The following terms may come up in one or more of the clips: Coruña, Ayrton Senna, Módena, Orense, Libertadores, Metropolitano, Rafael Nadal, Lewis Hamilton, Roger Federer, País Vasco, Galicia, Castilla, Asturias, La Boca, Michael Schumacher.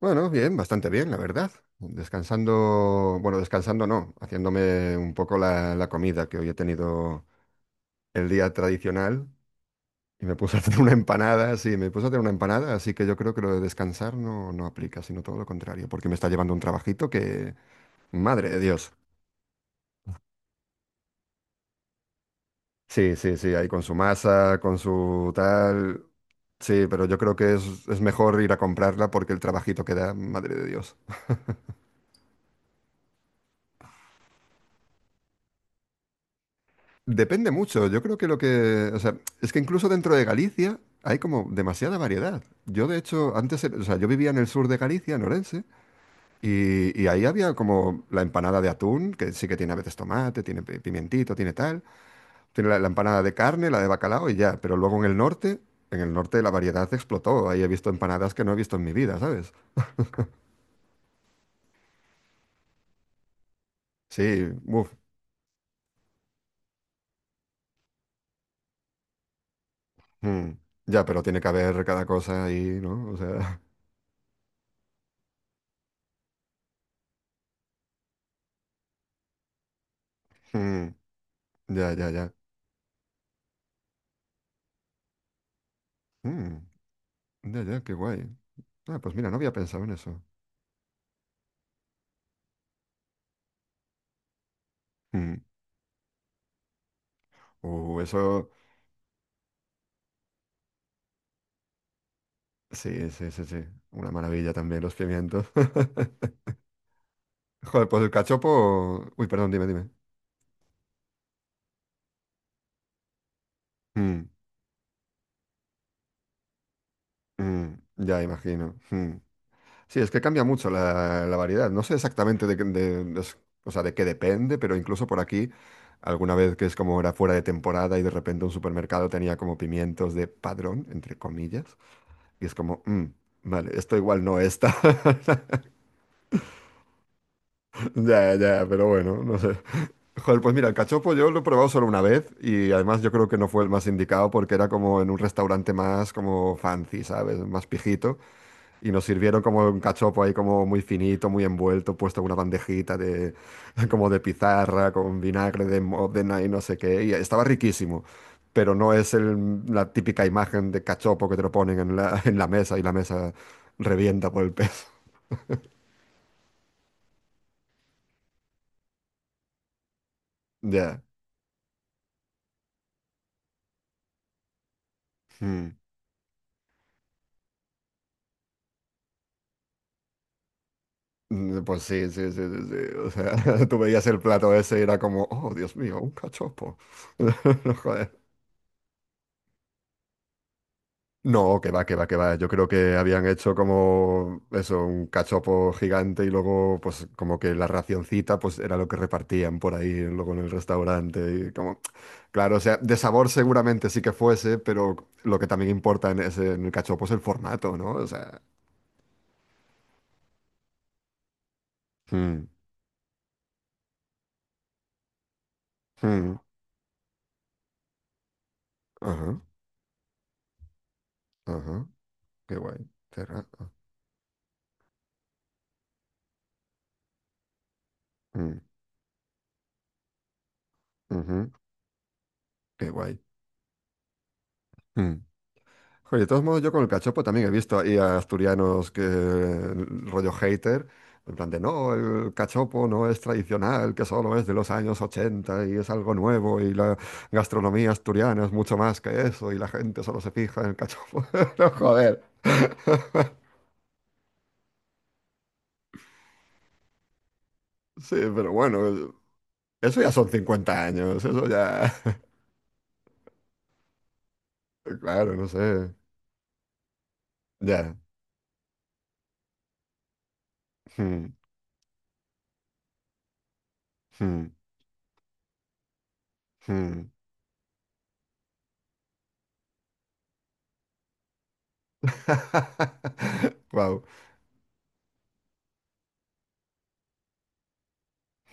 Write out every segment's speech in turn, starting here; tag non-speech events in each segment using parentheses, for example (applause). Bueno, bien, bastante bien, la verdad. Descansando, bueno, descansando no, haciéndome un poco la comida, que hoy he tenido el día tradicional y me puse a hacer una empanada, sí, me puse a hacer una empanada, así que yo creo que lo de descansar no, no aplica, sino todo lo contrario, porque me está llevando un trabajito que, madre de Dios. Sí, sí, sí, ahí con su masa, con su tal, sí, pero yo creo que es mejor ir a comprarla porque el trabajito que da, madre de Dios. Depende mucho. Yo creo que lo que, o sea, es que incluso dentro de Galicia hay como demasiada variedad. Yo de hecho antes, o sea, yo vivía en el sur de Galicia, en Orense, y ahí había como la empanada de atún, que sí que tiene a veces tomate, tiene pimientito, tiene tal, tiene la empanada de carne, la de bacalao y ya. Pero luego en el norte la variedad explotó. Ahí he visto empanadas que no he visto en mi vida, ¿sabes? Sí, uff, ya, pero tiene que haber cada cosa ahí, ¿no? O sea, (laughs) mm, ya, ya, ya, mm, ya, ya, qué guay. Ah, pues mira, no había pensado en eso. Mm. Eso, sí, sí, sí, sí. Una maravilla también los pimientos. (laughs) Joder, pues el cachopo... Uy, perdón, dime, dime. Mm, mm, ya imagino. Mm. Sí, es que cambia mucho la variedad. No sé exactamente de, qué- de s- o sea, de qué depende, pero incluso por aquí, alguna vez que es como era fuera de temporada y de repente un supermercado tenía como pimientos de Padrón, entre comillas, y es como, vale, esto igual no está. (laughs) Ya, ya, pero bueno, no sé. Joder, pues mira, el cachopo yo lo he probado solo una vez y además yo creo que no fue el más indicado porque era como en un restaurante más como fancy, ¿sabes? Más pijito y nos sirvieron como un cachopo ahí como muy finito, muy envuelto, puesto en una bandejita de (laughs) como de pizarra con vinagre de Módena y no sé qué y estaba riquísimo, pero no es la típica imagen de cachopo que te lo ponen en la, (laughs) en la mesa y la mesa revienta por el peso. (laughs) Ya. Mm. Mm, pues sí, sí, sí, sí, sí. O sea, (laughs) tú veías el plato ese y era como, oh, Dios mío, un cachopo. (laughs) No, joder. No, que va, que va, que va. Yo creo que habían hecho como eso, un cachopo gigante y luego, pues, como que la racioncita, pues, era lo que repartían por ahí, luego en el restaurante. Y como, claro, o sea, de sabor seguramente sí que fuese, pero lo que también importa en ese, en el cachopo es el formato, ¿no? O sea. Mm, mm, ajá, ajá, qué guay. Cerra- mm, ujú. Qué guay. Mm. Joder, de todos modos, yo con el cachopo también he visto ahí a asturianos que rollo hater, en plan de no, el cachopo no es tradicional, que solo es de los años 80 y es algo nuevo y la gastronomía asturiana es mucho más que eso y la gente solo se fija en el cachopo. (laughs) No, joder. (laughs) Sí, pero bueno, eso ya son 50 años, eso ya, (laughs) claro, no sé, ya. Hmm, hmm, hmm. (laughs) Wow.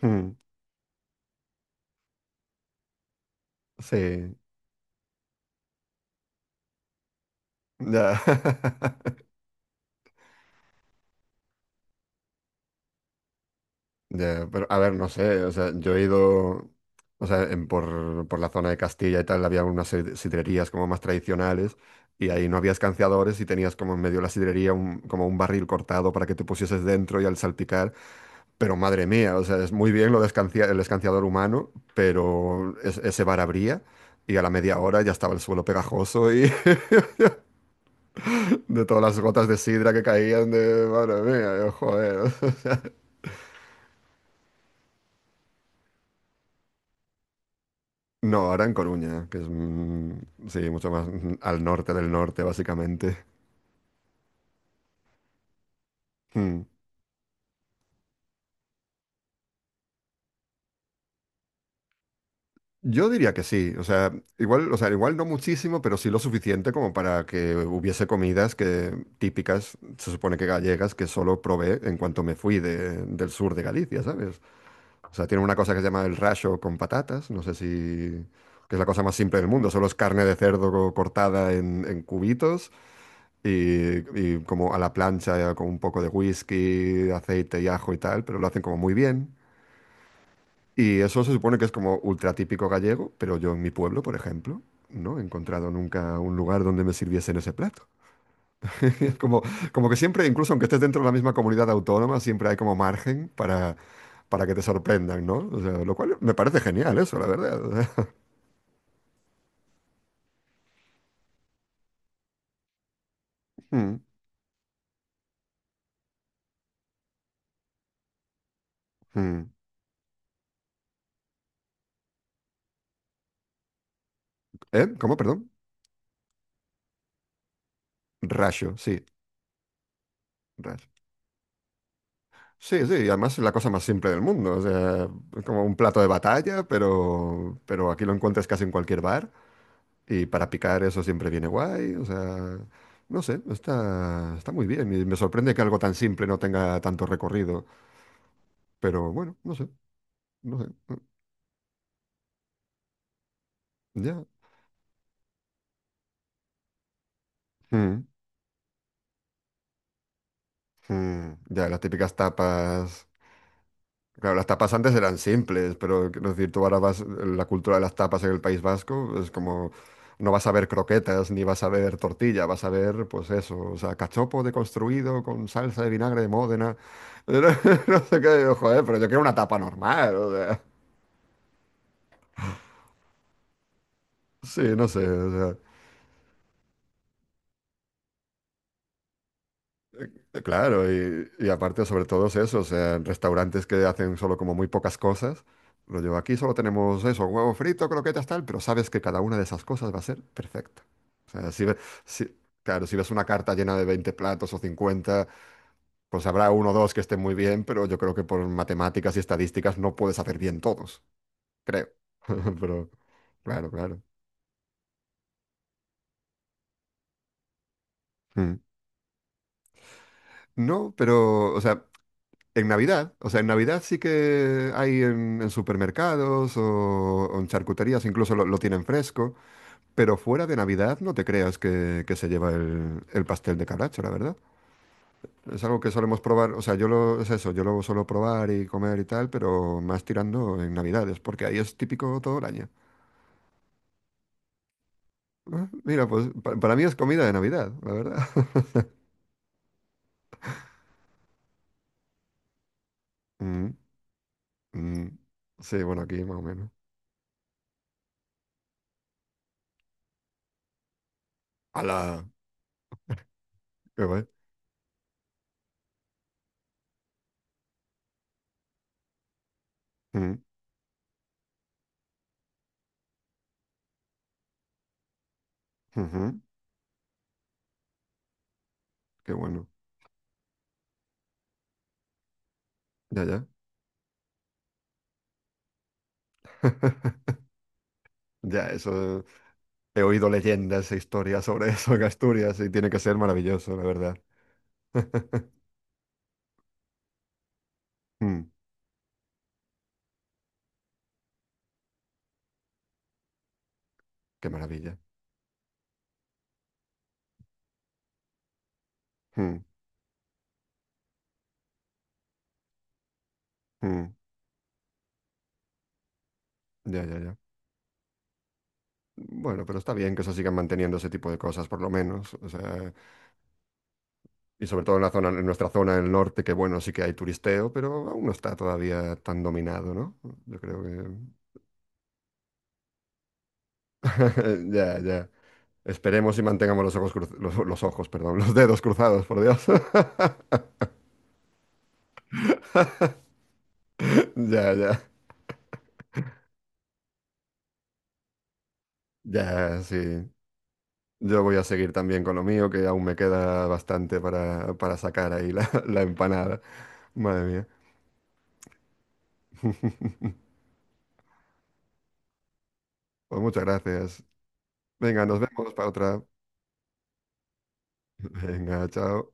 Hmm, sí. Ya. (laughs) Ya, pero a ver, no sé, o sea, yo he ido, o sea, por, la zona de Castilla y tal, había unas sidrerías como más tradicionales y ahí no había escanciadores y tenías como en medio de la sidrería como un barril cortado para que te pusieses dentro y al salpicar, pero madre mía, o sea, es muy bien lo de el escanciador humano, pero ese bar abría y a la media hora ya estaba el suelo pegajoso y (laughs) de todas las gotas de sidra que caían de, madre mía, yo, joder. No, ahora en Coruña, que es, sí, mucho más al norte del norte, básicamente. Mm. Yo diría que sí, o sea, igual no muchísimo, pero sí lo suficiente como para que hubiese comidas que típicas, se supone que gallegas, que solo probé en cuanto me fui del sur de Galicia, ¿sabes? O sea, tienen una cosa que se llama el racho con patatas, no sé si... que es la cosa más simple del mundo, solo es carne de cerdo cortada en cubitos y como a la plancha con un poco de whisky, aceite y ajo y tal, pero lo hacen como muy bien. Y eso se supone que es como ultra típico gallego, pero yo en mi pueblo, por ejemplo, no he encontrado nunca un lugar donde me sirviesen ese plato. (laughs) Es como, como que siempre, incluso aunque estés dentro de la misma comunidad autónoma, siempre hay como margen para que te sorprendan, ¿no? O sea, lo cual me parece genial eso, la verdad. O sea, (laughs) mm, mm. ¿Eh? ¿Cómo? Perdón. Rayo, sí. Rayo. Sí, sí, y además es la cosa más simple del mundo. O sea, es como un plato de batalla, pero aquí lo encuentras casi en cualquier bar. Y para picar eso siempre viene guay. O sea, no sé, está muy bien. Y me sorprende que algo tan simple no tenga tanto recorrido. Pero bueno, no sé, no sé. Ya. Mm, mm. Ya, las típicas tapas. Claro, las tapas antes eran simples, pero quiero decir, tú ahora vas, la cultura de las tapas en el País Vasco es como, no vas a ver croquetas ni vas a ver tortilla, vas a ver, pues eso, o sea, cachopo deconstruido con salsa de vinagre de Módena. (laughs) No, sé qué, joder, pero yo quiero una tapa normal, o sea. Sí, no sé, o sea. Claro, y aparte sobre todo es eso, o sea, en restaurantes que hacen solo como muy pocas cosas, lo llevo aquí, solo tenemos eso, huevo frito, croquetas, tal, pero sabes que cada una de esas cosas va a ser perfecta. O sea, si- claro, si ves una carta llena de 20 platos o 50 pues habrá uno o dos que estén muy bien, pero yo creo que por matemáticas y estadísticas no puedes hacer bien todos, creo. (laughs) Pero, claro, claro. Mm. No, pero, o sea, en Navidad, o sea, en Navidad sí que hay en, supermercados o en charcuterías, incluso lo tienen fresco, pero fuera de Navidad no te creas que se lleva el pastel de calacho, la verdad. Es algo que solemos probar, o sea, yo lo, es eso, yo lo suelo probar y comer y tal, pero más tirando en Navidades, porque ahí es típico todo el año. Ah, mira, pues para mí es comida de Navidad, la verdad. (laughs) Mm, mm. Sí, bueno, aquí más o menos. ¡Hala! ¡Qué guay! Mm, ujú, ¡Qué bueno! Ya, ya. (laughs) Ya, eso he oído leyendas e historias sobre eso en Asturias y tiene que ser maravilloso, la verdad. (laughs) Mm, qué maravilla. Mm, mm, ya, ya, ya. Bueno, pero está bien que se sigan manteniendo ese tipo de cosas, por lo menos. O sea, y sobre todo en la zona, en nuestra zona del norte, que bueno, sí que hay turisteo, pero aún no está todavía tan dominado, ¿no? Yo creo que. (laughs) Ya, ya. Esperemos y mantengamos los ojos los ojos, perdón, los dedos cruzados, por Dios. (laughs) Ya, ya. Ya, sí. Yo voy a seguir también con lo mío, que aún me queda bastante para sacar ahí la, (laughs) la empanada. Madre mía. (laughs) Pues muchas gracias. Venga, nos vemos para otra. Venga, chao.